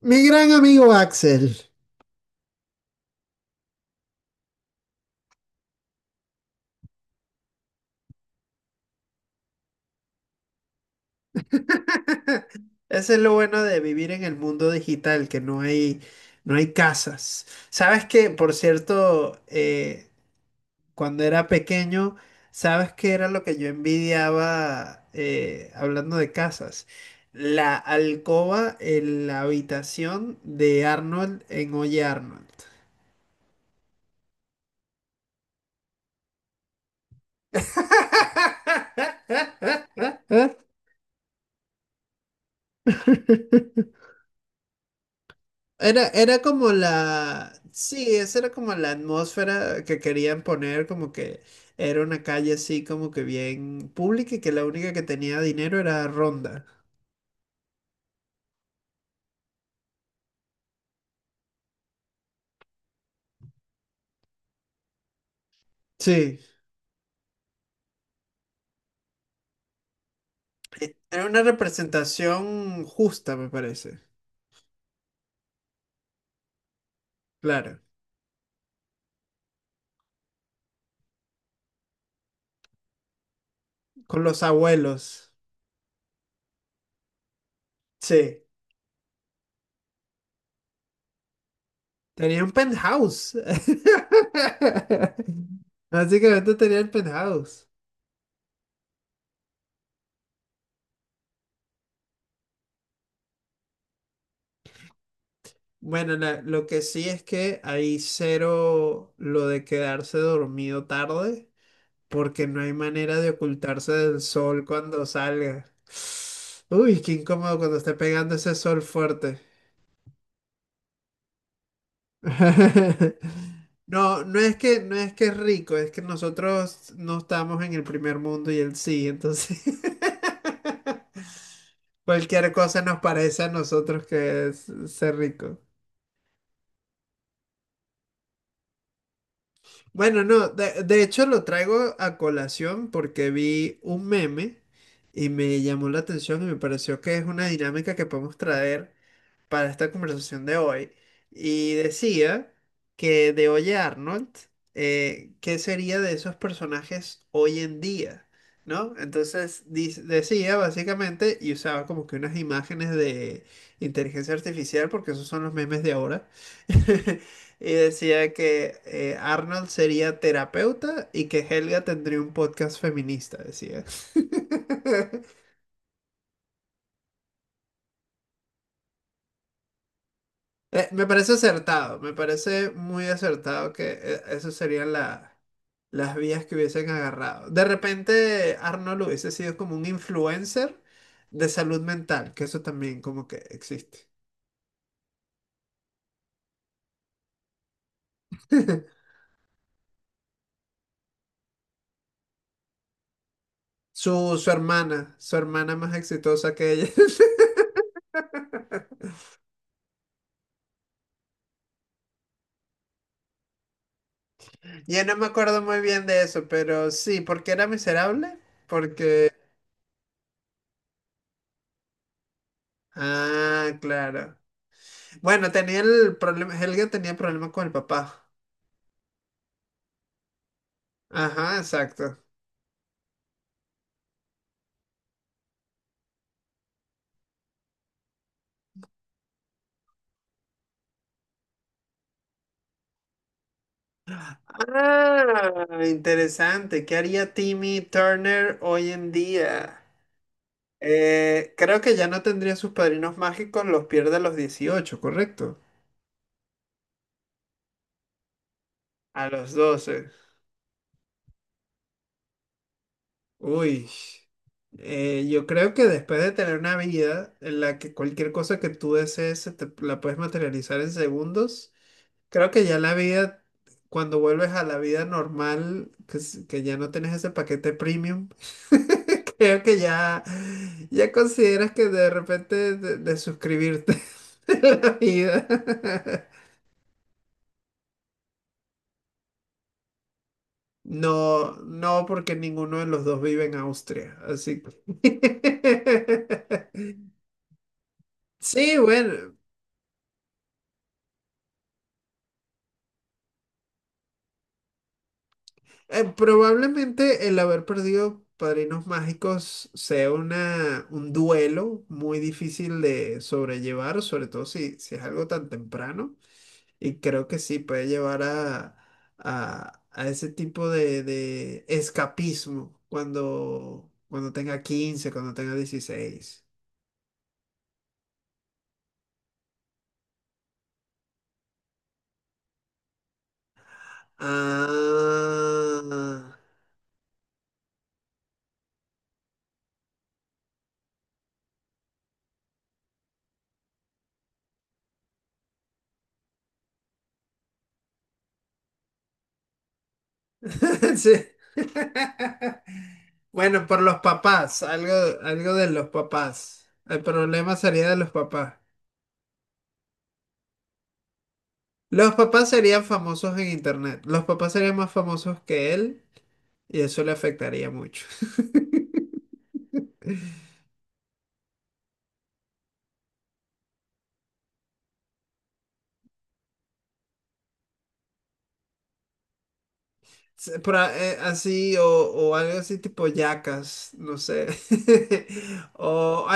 Mi gran amigo Axel. Ese es lo bueno de vivir en el mundo digital, que no hay, no hay casas. Por cierto, cuando era pequeño, ¿sabes que era lo que yo envidiaba hablando de casas? La alcoba en la habitación de Arnold en Oye Arnold. Era como la atmósfera que querían poner, como que era una calle así como que bien pública y que la única que tenía dinero era Ronda. Sí, era una representación justa, me parece. Claro, con los abuelos. Sí, tenía un penthouse. Básicamente tenía el penthouse. Bueno, lo que sí es que hay cero lo de quedarse dormido tarde, porque no hay manera de ocultarse del sol cuando salga. Uy, qué incómodo cuando esté pegando ese sol fuerte. No, no es que es rico, es que nosotros no estamos en el primer mundo y él sí, entonces cualquier cosa nos parece a nosotros que es ser rico. Bueno, no, de hecho lo traigo a colación porque vi un meme y me llamó la atención y me pareció que es una dinámica que podemos traer para esta conversación de hoy, y decía que de Oye Arnold, ¿qué sería de esos personajes hoy en día? ¿No? Decía básicamente, y usaba como que unas imágenes de inteligencia artificial porque esos son los memes de ahora. Y decía que Arnold sería terapeuta y que Helga tendría un podcast feminista, decía. Me parece acertado, me parece muy acertado que esas serían las vías que hubiesen agarrado. De repente, Arnold hubiese sido como un influencer de salud mental, que eso también como que existe. Su hermana más exitosa que ella. Ya no me acuerdo muy bien de eso, pero sí, porque era miserable, porque... Ah, claro. Bueno, tenía el problema, Helga tenía problema con el papá. Ajá, exacto. Ah, interesante. ¿Qué haría Timmy Turner hoy en día? Creo que ya no tendría sus padrinos mágicos, los pierde a los 18, ¿correcto? A los 12. Uy. Yo creo que después de tener una vida en la que cualquier cosa que tú desees la puedes materializar en segundos, creo que ya la vida, cuando vuelves a la vida normal, que ya no tienes ese paquete premium. Creo que ya, ya consideras que de repente de suscribirte de la vida. No, no, porque ninguno de los dos vive en Austria, así que... Sí, bueno, probablemente el haber perdido Padrinos Mágicos sea una, un duelo muy difícil de sobrellevar, sobre todo si, si es algo tan temprano. Y creo que sí, puede llevar a ese tipo de escapismo cuando, cuando tenga 15, cuando tenga 16. Ah, sí. Bueno, por los papás, algo, algo de los papás. El problema sería de los papás. Los papás serían famosos en internet. Los papás serían más famosos que él y eso le afectaría mucho. Así o algo así tipo yacas, no sé. O,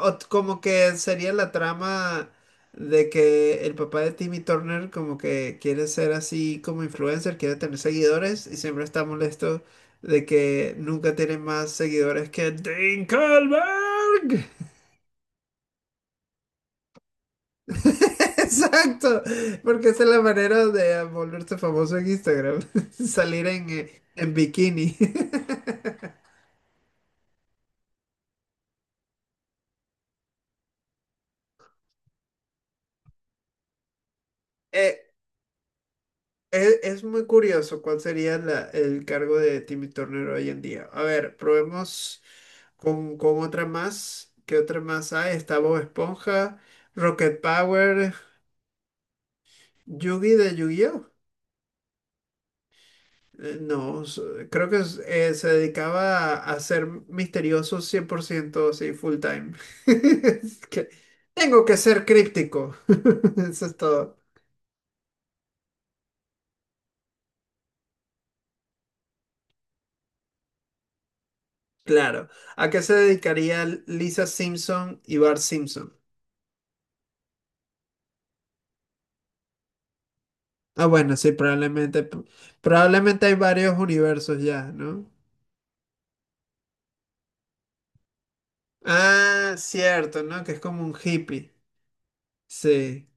a- o t- Como que sería la trama de que el papá de Timmy Turner como que quiere ser así como influencer, quiere tener seguidores y siempre está molesto de que nunca tiene más seguidores que Dinkelberg. Exacto, porque esa es la manera de volverse famoso en Instagram, salir en bikini. Eh, es muy curioso cuál sería el cargo de Timmy Turner hoy en día. A ver, probemos con otra más. ¿Qué otra más hay? Está Bob Esponja, Rocket Power, Yugi de Yu-Gi-Oh! No, s- Creo que se dedicaba a ser misterioso 100%, sí, full time. Es que tengo que ser críptico. Eso es todo. Claro. ¿A qué se dedicaría Lisa Simpson y Bart Simpson? Ah, bueno, sí, probablemente. Probablemente hay varios universos ya, ¿no? Ah, cierto, ¿no? Que es como un hippie. Sí.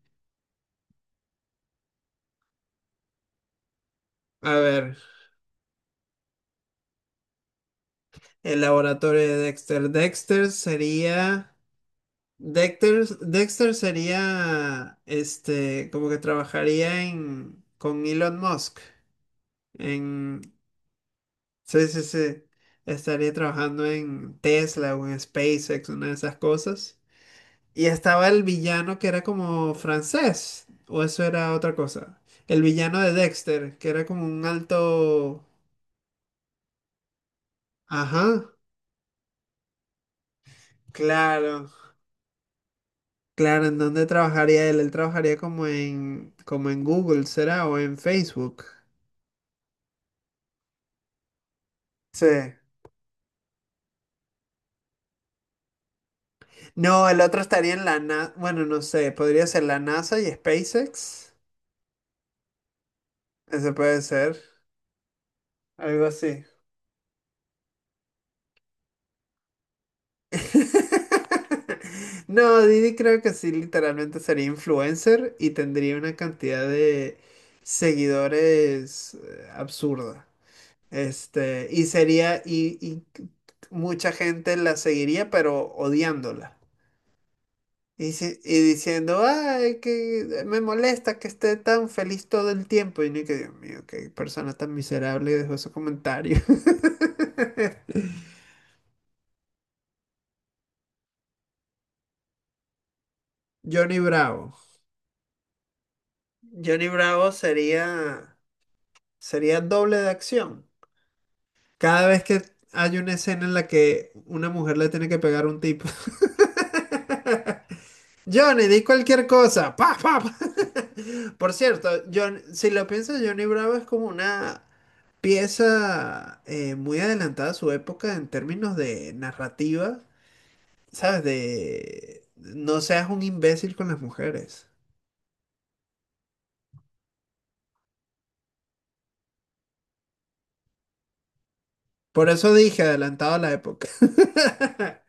A ver, el laboratorio de Dexter. Dexter sería. Dexter sería. Este. Como que trabajaría en, con Elon Musk. En. Sí, sí, sí. Estaría trabajando en Tesla o en SpaceX, una de esas cosas. Y estaba el villano que era como francés, o eso era otra cosa. El villano de Dexter, que era como un alto... Ajá, claro, claro, ¿en dónde trabajaría él? Él trabajaría como en, como en Google, ¿será? O en Facebook. Sí. No, el otro estaría en la NASA, bueno, no sé, podría ser la NASA y SpaceX. Ese puede ser, algo así. No, Didi creo que sí, literalmente sería influencer y tendría una cantidad de seguidores absurda. Este, y mucha gente la seguiría, pero odiándola. Y, y diciendo, ay, que me molesta que esté tan feliz todo el tiempo. Y ni que, Dios mío, qué persona tan miserable dejó ese comentario. Johnny Bravo. Johnny Bravo sería. Sería doble de acción. Cada vez que hay una escena en la que una mujer le tiene que pegar a un tipo. Johnny, di cualquier cosa. Pa, pa, pa. Por cierto, John, si lo piensas, Johnny Bravo es como una pieza muy adelantada a su época en términos de narrativa, ¿sabes? De no seas un imbécil con las mujeres. Por eso dije adelantado a la época.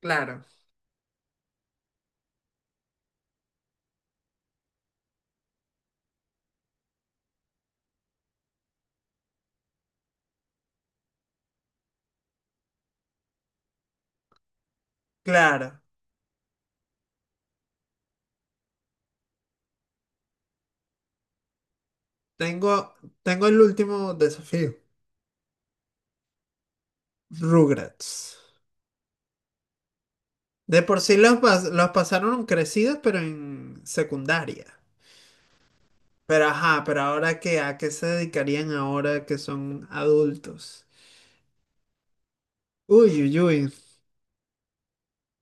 Claro, claro. Tengo, Tengo el último desafío. Rugrats. De por sí los, los pasaron crecidos, pero en secundaria. Pero ajá, pero ahora qué, ¿a qué se dedicarían ahora que son adultos? Uy, uy, uy.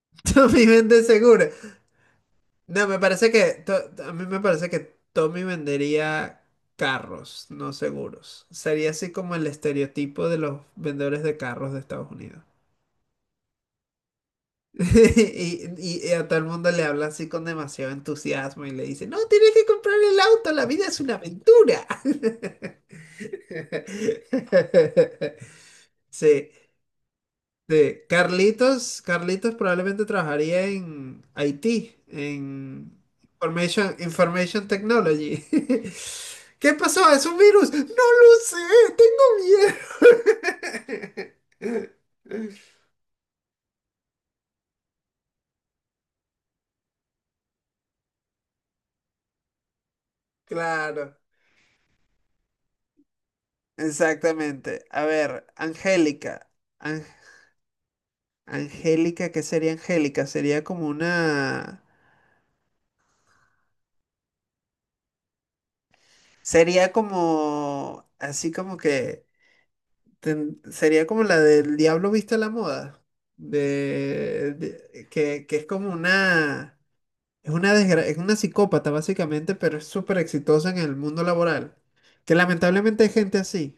Tommy vende seguro. No, me parece que, a mí me parece que Tommy vendería carros, no seguros. Sería así como el estereotipo de los vendedores de carros de Estados Unidos. Y a todo el mundo le habla así con demasiado entusiasmo y le dice, no, tienes que comprar el auto, la vida es una aventura. Sí, sí. Carlitos probablemente trabajaría en IT, en Information Technology. ¿Qué pasó? ¿Es un virus? No lo sé, tengo miedo. Claro. Exactamente. A ver, Angélica. Ang- Angélica, ¿qué sería Angélica? Sería como una... Sería como... Así como que... Sería como la del Diablo viste a la moda. Que es como una... Es una psicópata básicamente, pero es súper exitosa en el mundo laboral. Que lamentablemente hay gente así.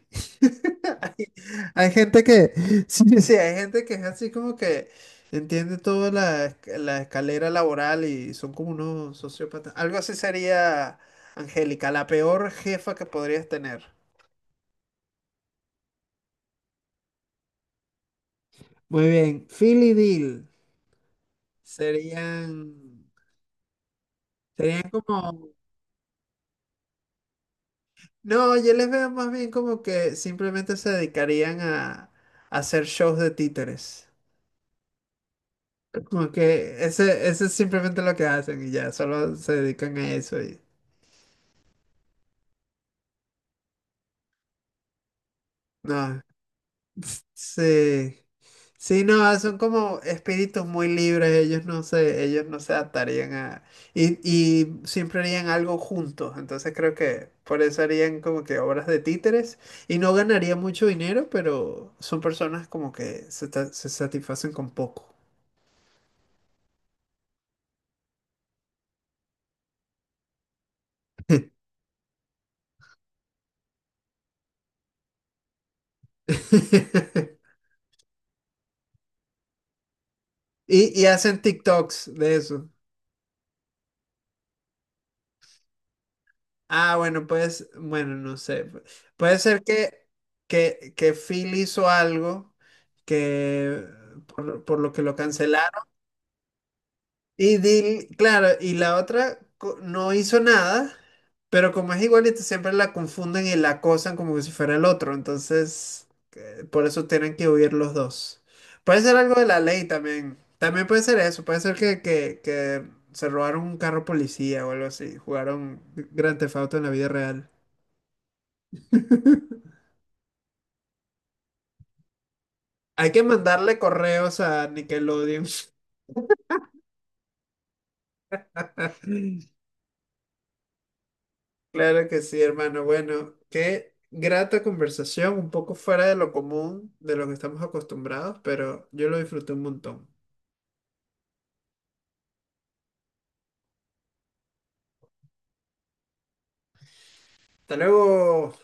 Hay gente que, sí, sí, hay gente que es así como que entiende toda la, la escalera laboral y son como unos sociópatas. Algo así sería, Angélica, la peor jefa que podrías tener. Muy bien, Phil y Dil serían, serían como, no, yo les veo más bien como que simplemente se dedicarían a hacer shows de títeres. Como que ese es simplemente lo que hacen y ya, solo se dedican a eso y... No. Sí. Sí, no, son como espíritus muy libres, ellos no se atarían a... Y, y siempre harían algo juntos, entonces creo que por eso harían como que obras de títeres y no ganarían mucho dinero, pero son personas como que se, se satisfacen con poco. Y, y hacen TikToks de eso. Ah, bueno, pues, bueno, no sé. Puede ser que, que Phil hizo algo que por lo que lo cancelaron. Y Dil, claro, y no hizo nada, pero como es igualita, siempre la confunden y la acosan como que si fuera el otro. Entonces, por eso tienen que huir los dos. Puede ser algo de la ley también. También puede ser eso. Puede ser que, que se robaron un carro policía o algo así. Jugaron Grand Theft Auto en la vida real. Hay que mandarle correos a Nickelodeon. Claro que sí, hermano. Bueno, qué grata conversación, un poco fuera de lo común, de lo que estamos acostumbrados, pero yo lo disfruté un montón. Hasta luego.